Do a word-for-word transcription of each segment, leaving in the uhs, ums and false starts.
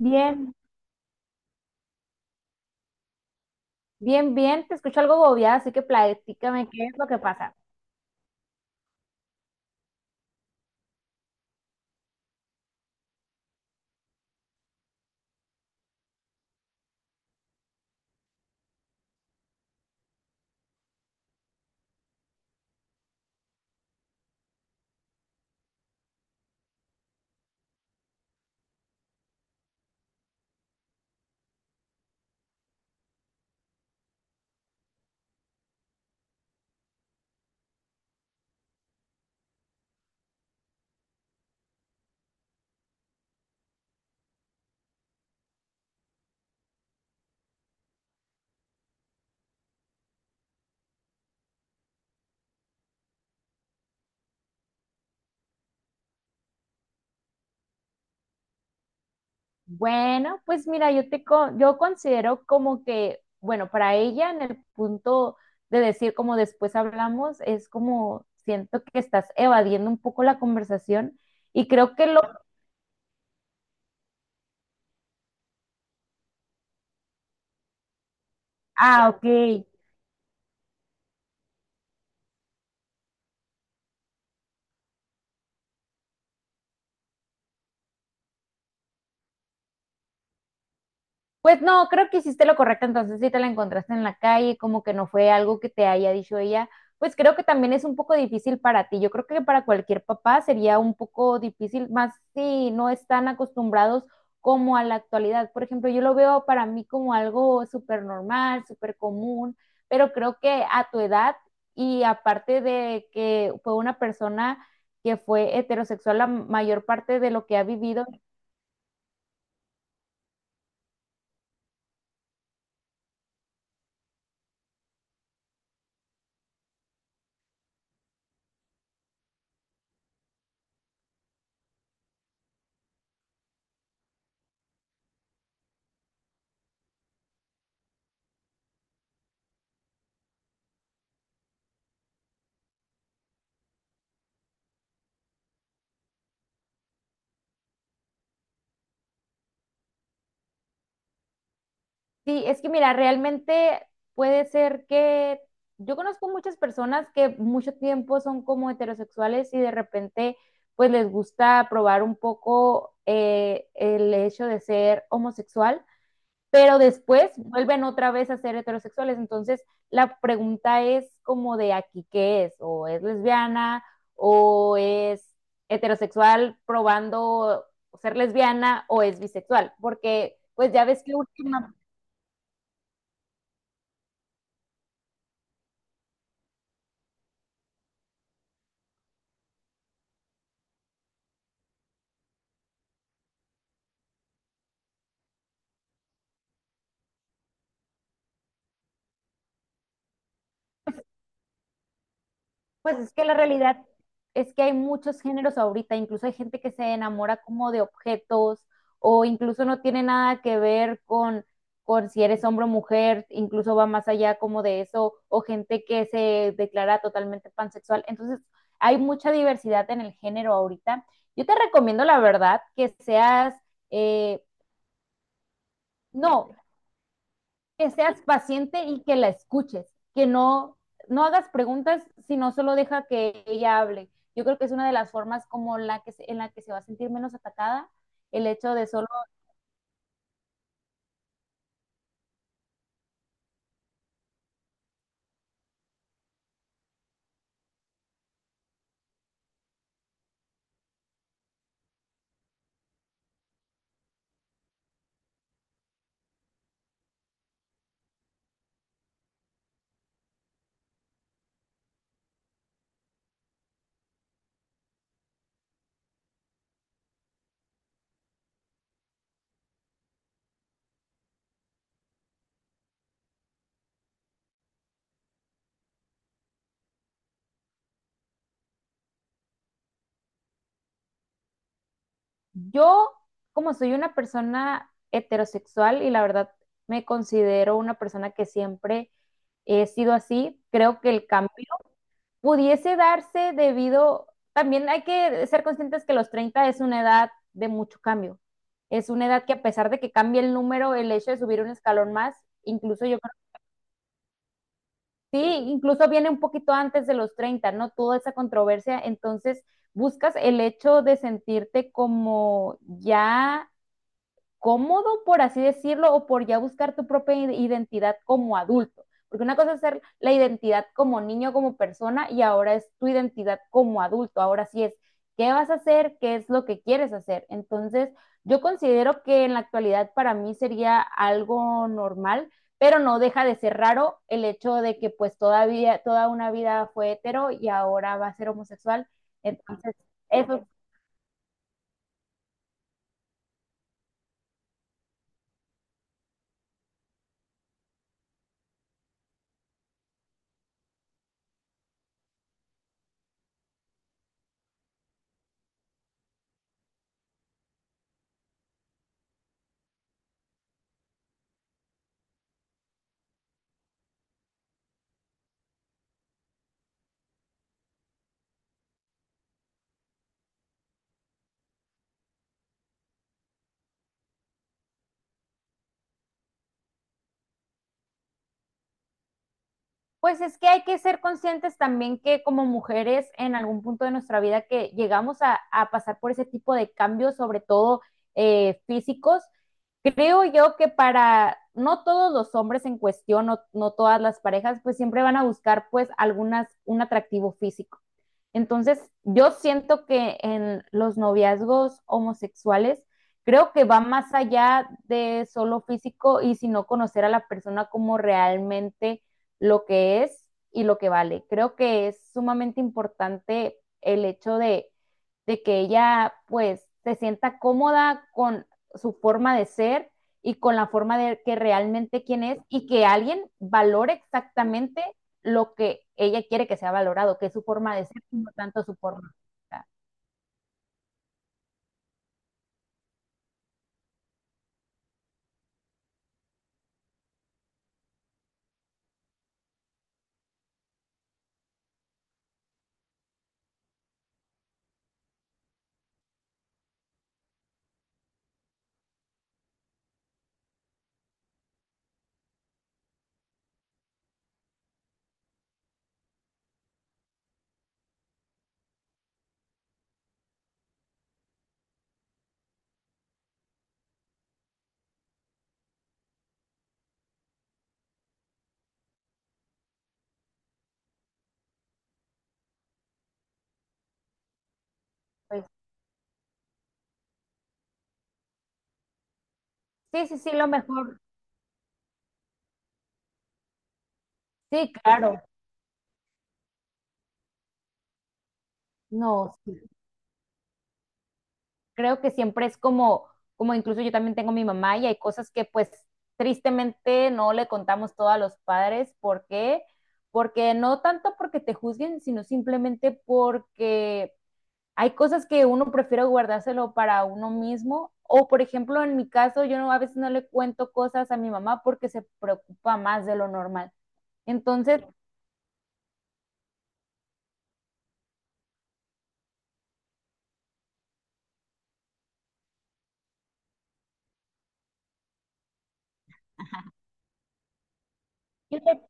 Bien, bien, bien, te escucho algo bobeada, así que platícame qué es lo que pasa. Bueno, pues mira, yo te co- yo considero como que, bueno, para ella en el punto de decir como después hablamos, es como siento que estás evadiendo un poco la conversación y creo que lo... Ah, ok. Pues no, creo que hiciste lo correcto, entonces si te la encontraste en la calle, como que no fue algo que te haya dicho ella, pues creo que también es un poco difícil para ti. Yo creo que para cualquier papá sería un poco difícil, más si no están acostumbrados como a la actualidad. Por ejemplo, yo lo veo para mí como algo súper normal, súper común, pero creo que a tu edad y aparte de que fue una persona que fue heterosexual la mayor parte de lo que ha vivido. Sí, es que mira, realmente puede ser que yo conozco muchas personas que mucho tiempo son como heterosexuales y de repente pues les gusta probar un poco eh, el hecho de ser homosexual, pero después vuelven otra vez a ser heterosexuales. Entonces la pregunta es como de aquí qué es, o es lesbiana o es heterosexual probando ser lesbiana o es bisexual, porque pues ya ves que última- Pues es que la realidad es que hay muchos géneros ahorita, incluso hay gente que se enamora como de objetos o incluso no tiene nada que ver con, con si eres hombre o mujer, incluso va más allá como de eso, o gente que se declara totalmente pansexual. Entonces, hay mucha diversidad en el género ahorita. Yo te recomiendo, la verdad, que seas, eh, no, que seas paciente y que la escuches, que no, no hagas preguntas, sino solo deja que ella hable. Yo creo que es una de las formas como la que, en la que se va a sentir menos atacada, el hecho de solo yo, como soy una persona heterosexual y la verdad me considero una persona que siempre he sido así, creo que el cambio pudiese darse debido, también hay que ser conscientes que los treinta es una edad de mucho cambio. Es una edad que a pesar de que cambie el número, el hecho de subir un escalón más, incluso yo creo, sí, incluso viene un poquito antes de los treinta, ¿no? Toda esa controversia, entonces buscas el hecho de sentirte como ya cómodo, por así decirlo, o por ya buscar tu propia identidad como adulto. Porque una cosa es ser la identidad como niño, como persona, y ahora es tu identidad como adulto. Ahora sí es qué vas a hacer, qué es lo que quieres hacer. Entonces, yo considero que en la actualidad para mí sería algo normal, pero no deja de ser raro el hecho de que pues todavía, toda una vida fue hetero y ahora va a ser homosexual. Entonces, eso. Pues es que hay que ser conscientes también que como mujeres en algún punto de nuestra vida que llegamos a, a pasar por ese tipo de cambios, sobre todo eh, físicos, creo yo que para no todos los hombres en cuestión, no, no todas las parejas, pues siempre van a buscar pues algunas, un atractivo físico. Entonces, yo siento que en los noviazgos homosexuales, creo que va más allá de solo físico y sino conocer a la persona como realmente lo que es y lo que vale. Creo que es sumamente importante el hecho de, de que ella pues se sienta cómoda con su forma de ser y con la forma de que realmente quién es y que alguien valore exactamente lo que ella quiere que sea valorado, que es su forma de ser, no tanto su forma de estar. Pues, sí, sí, sí, lo mejor. Sí, claro. No, sí. Creo que siempre es como, como incluso yo también tengo mi mamá y hay cosas que pues tristemente no le contamos todo a los padres. ¿Por qué? Porque no tanto porque te juzguen, sino simplemente porque hay cosas que uno prefiere guardárselo para uno mismo. O, por ejemplo, en mi caso, yo no, a veces no le cuento cosas a mi mamá porque se preocupa más de lo normal. Entonces, yo te-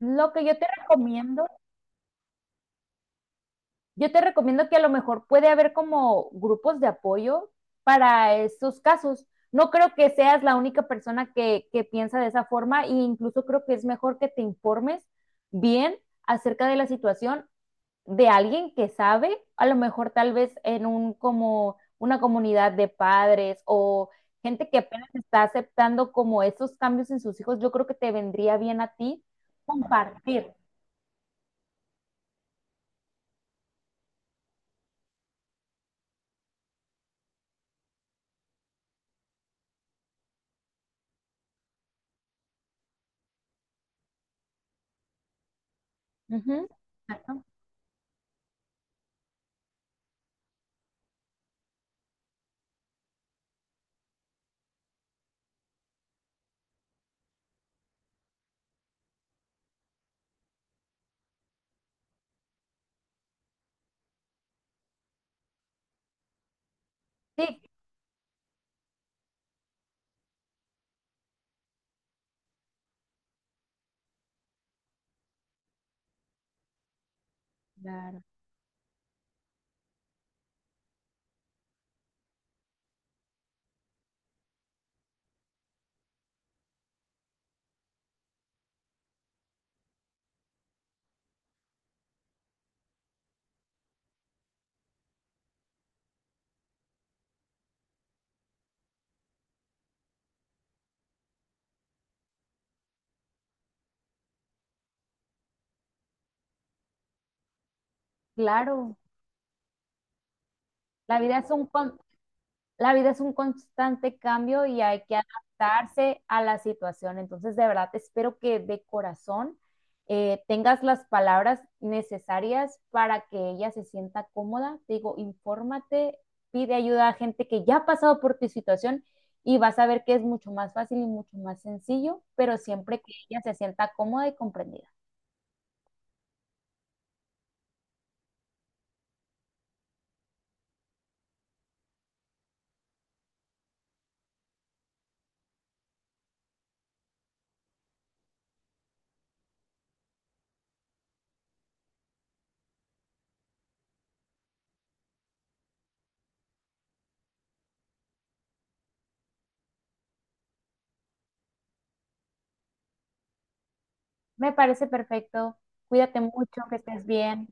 lo que yo te recomiendo, yo te recomiendo que a lo mejor puede haber como grupos de apoyo para estos casos. No creo que seas la única persona que, que piensa de esa forma e incluso creo que es mejor que te informes bien acerca de la situación de alguien que sabe, a lo mejor tal vez en un como una comunidad de padres o gente que apenas está aceptando como esos cambios en sus hijos, yo creo que te vendría bien a ti compartir. Ujú. Exacto. Sí, claro. Claro, la vida es un, con- la vida es un constante cambio y hay que adaptarse a la situación. Entonces, de verdad, espero que de corazón eh, tengas las palabras necesarias para que ella se sienta cómoda. Te digo, infórmate, pide ayuda a gente que ya ha pasado por tu situación y vas a ver que es mucho más fácil y mucho más sencillo, pero siempre que ella se sienta cómoda y comprendida. Me parece perfecto. Cuídate mucho, que estés bien.